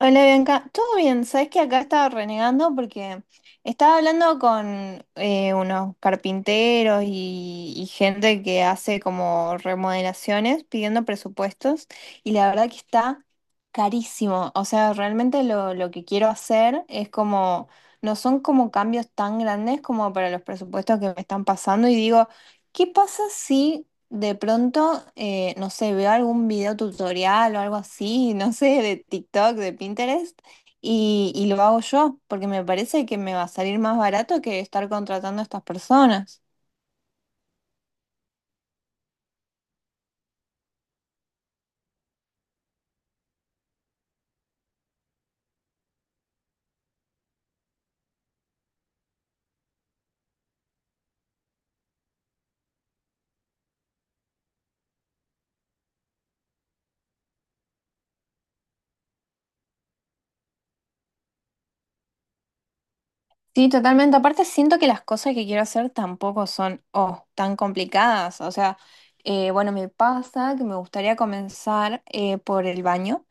Hola Bianca, todo bien, sabes que acá estaba renegando porque estaba hablando con unos carpinteros y gente que hace como remodelaciones pidiendo presupuestos y la verdad que está carísimo, o sea, realmente lo que quiero hacer es como, no son como cambios tan grandes como para los presupuestos que me están pasando y digo, ¿qué pasa si de pronto, no sé, veo algún video tutorial o algo así, no sé, de TikTok, de Pinterest, y lo hago yo, porque me parece que me va a salir más barato que estar contratando a estas personas. Sí, totalmente. Aparte, siento que las cosas que quiero hacer tampoco son, oh, tan complicadas. O sea, bueno, me pasa que me gustaría comenzar por el baño.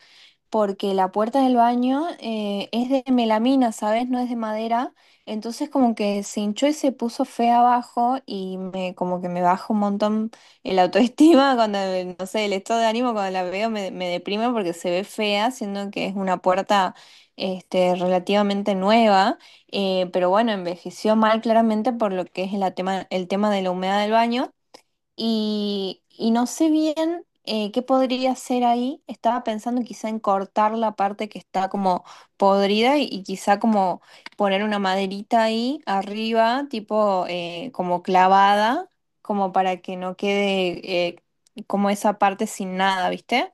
Porque la puerta del baño es de melamina, ¿sabes? No es de madera. Entonces como que se hinchó y se puso fea abajo y me, como que me baja un montón el autoestima cuando, no sé, el estado de ánimo cuando la veo me, me deprime porque se ve fea, siendo que es una puerta este, relativamente nueva. Pero bueno, envejeció mal claramente por lo que es el tema de la humedad del baño. Y no sé bien qué podría hacer ahí. Estaba pensando quizá en cortar la parte que está como podrida y quizá como poner una maderita ahí arriba, tipo como clavada, como para que no quede como esa parte sin nada, ¿viste?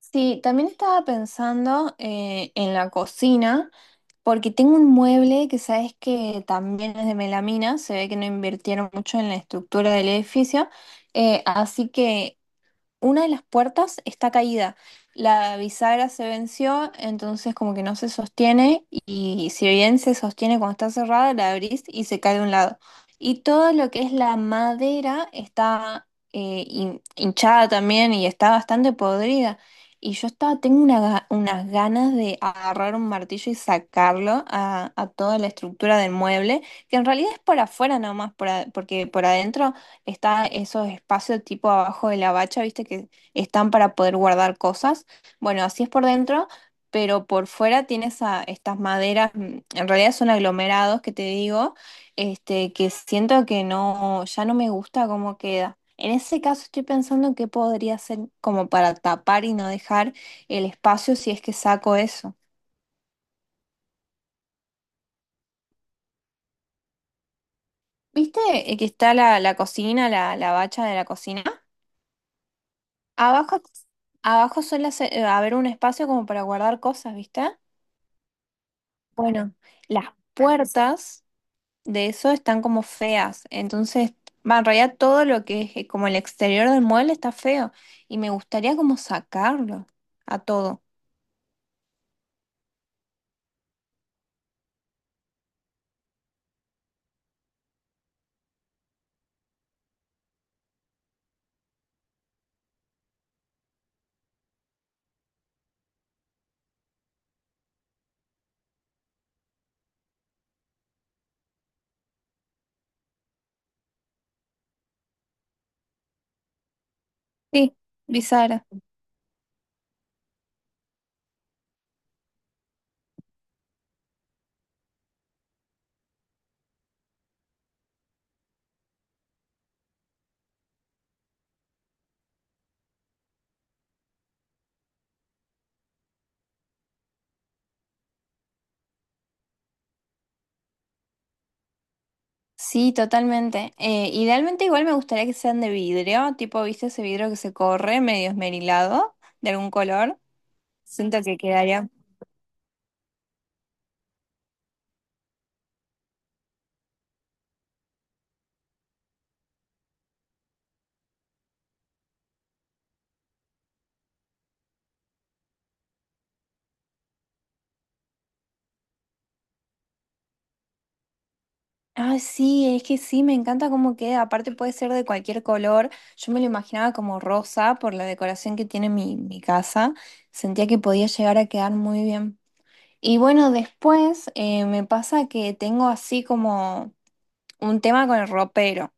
Sí, también estaba pensando en la cocina, porque tengo un mueble que sabes que también es de melamina, se ve que no invirtieron mucho en la estructura del edificio, así que una de las puertas está caída. La bisagra se venció, entonces como que no se sostiene y si bien se sostiene cuando está cerrada, la abrís y se cae de un lado. Y todo lo que es la madera está hinchada también y está bastante podrida. Y yo estaba, tengo una unas ganas de agarrar un martillo y sacarlo a toda la estructura del mueble, que en realidad es por afuera nomás, porque por adentro está esos espacios tipo abajo de la bacha, viste, que están para poder guardar cosas. Bueno, así es por dentro, pero por fuera tienes a estas maderas, en realidad son aglomerados que te digo, este, que siento que no, ya no me gusta cómo queda. En ese caso estoy pensando en qué podría hacer como para tapar y no dejar el espacio si es que saco eso. ¿Viste que está la cocina, la bacha de la cocina? Abajo, abajo suele haber un espacio como para guardar cosas, ¿viste? Bueno, las puertas de eso están como feas, entonces, va, en realidad todo lo que es como el exterior del mueble está feo y me gustaría como sacarlo a todo. Sí, bisagra. Sí, totalmente. Idealmente igual me gustaría que sean de vidrio, tipo, ¿viste ese vidrio que se corre medio esmerilado de algún color? Siento que quedaría. Ah, sí, es que sí, me encanta cómo queda. Aparte puede ser de cualquier color. Yo me lo imaginaba como rosa por la decoración que tiene mi casa. Sentía que podía llegar a quedar muy bien. Y bueno, después me pasa que tengo así como un tema con el ropero.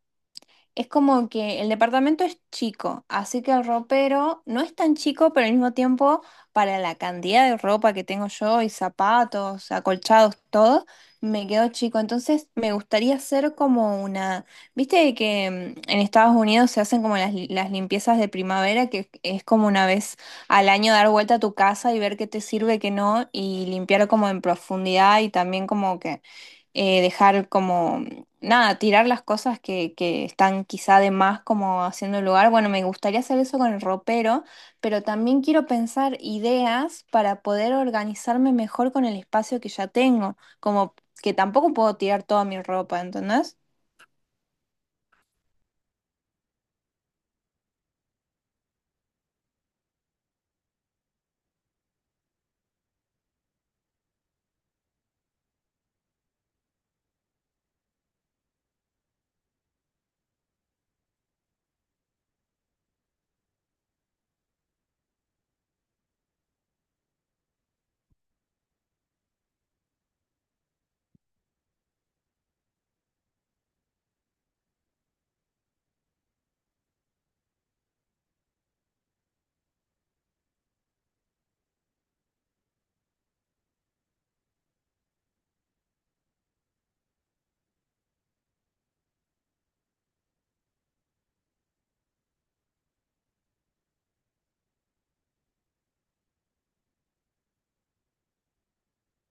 Es como que el departamento es chico, así que el ropero no es tan chico, pero al mismo tiempo, para la cantidad de ropa que tengo yo y zapatos, acolchados, todo, me quedó chico. Entonces, me gustaría hacer como una, viste que en Estados Unidos se hacen como las limpiezas de primavera, que es como una vez al año dar vuelta a tu casa y ver qué te sirve, qué no, y limpiar como en profundidad y también como que dejar como nada, tirar las cosas que están quizá de más como haciendo el lugar. Bueno, me gustaría hacer eso con el ropero, pero también quiero pensar ideas para poder organizarme mejor con el espacio que ya tengo, como que tampoco puedo tirar toda mi ropa, ¿entendés?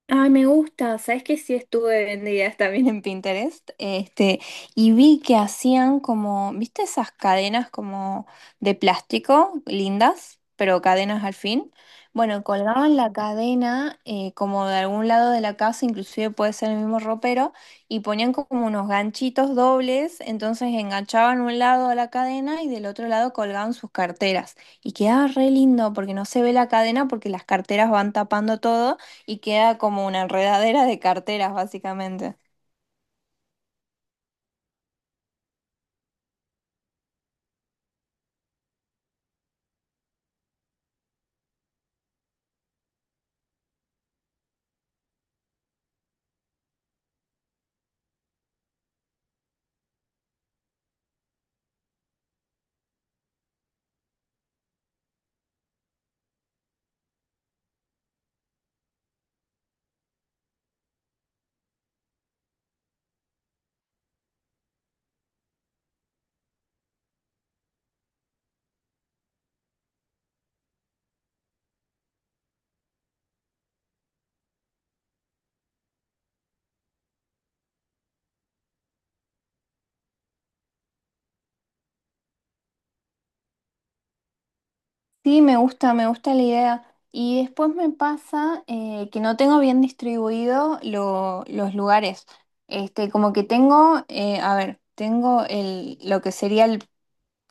Ay, me gusta. Sabes que sí estuve viendo también en Pinterest. Este, y vi que hacían como, ¿viste esas cadenas como de plástico, lindas, pero cadenas al fin? Bueno, colgaban la cadena como de algún lado de la casa, inclusive puede ser el mismo ropero, y ponían como unos ganchitos dobles, entonces enganchaban un lado a la cadena y del otro lado colgaban sus carteras. Y quedaba re lindo porque no se ve la cadena porque las carteras van tapando todo. Y queda como una enredadera de carteras, básicamente. Sí, me gusta la idea. Y después me pasa que no tengo bien distribuido los lugares. Este, como que tengo, a ver, tengo el, lo que sería el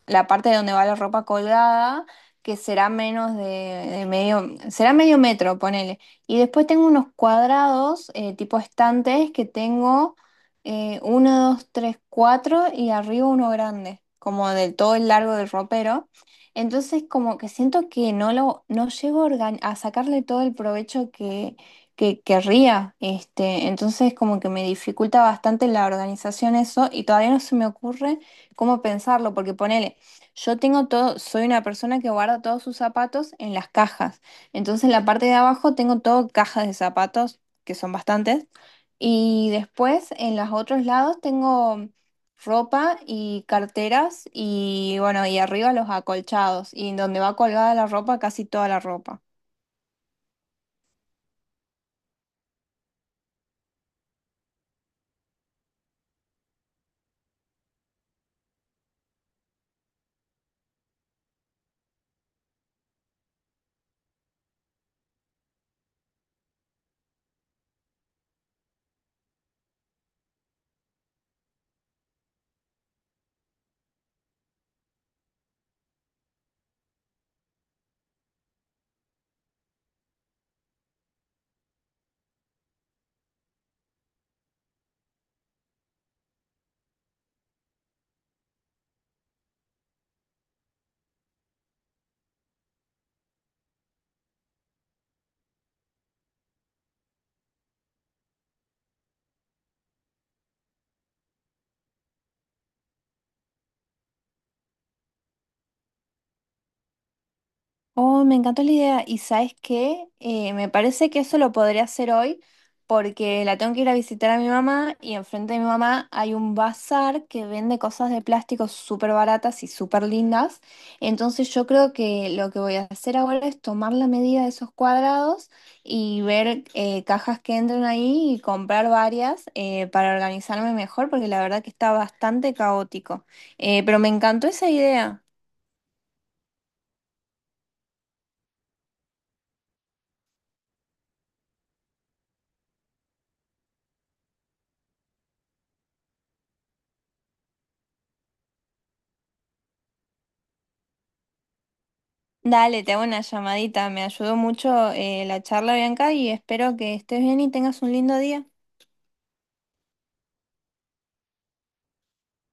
la parte de donde va la ropa colgada, que será menos de medio, será medio metro, ponele. Y después tengo unos cuadrados, tipo estantes, que tengo uno, dos, tres, cuatro y arriba uno grande, como del todo el largo del ropero. Entonces como que siento que no lo, no llego a a sacarle todo el provecho que querría. Este, entonces como que me dificulta bastante la organización eso y todavía no se me ocurre cómo pensarlo, porque ponele. Yo tengo todo, soy una persona que guarda todos sus zapatos en las cajas. Entonces, en la parte de abajo tengo todo cajas de zapatos, que son bastantes. Y después, en los otros lados, tengo ropa y carteras y, bueno, y arriba los acolchados. Y en donde va colgada la ropa, casi toda la ropa. Oh, me encantó la idea. ¿Y sabes qué? Me parece que eso lo podría hacer hoy porque la tengo que ir a visitar a mi mamá y enfrente de mi mamá hay un bazar que vende cosas de plástico súper baratas y súper lindas. Entonces yo creo que lo que voy a hacer ahora es tomar la medida de esos cuadrados y ver cajas que entren ahí y comprar varias para organizarme mejor porque la verdad que está bastante caótico. Pero me encantó esa idea. Dale, te hago una llamadita. Me ayudó mucho la charla, Bianca, y espero que estés bien y tengas un lindo día.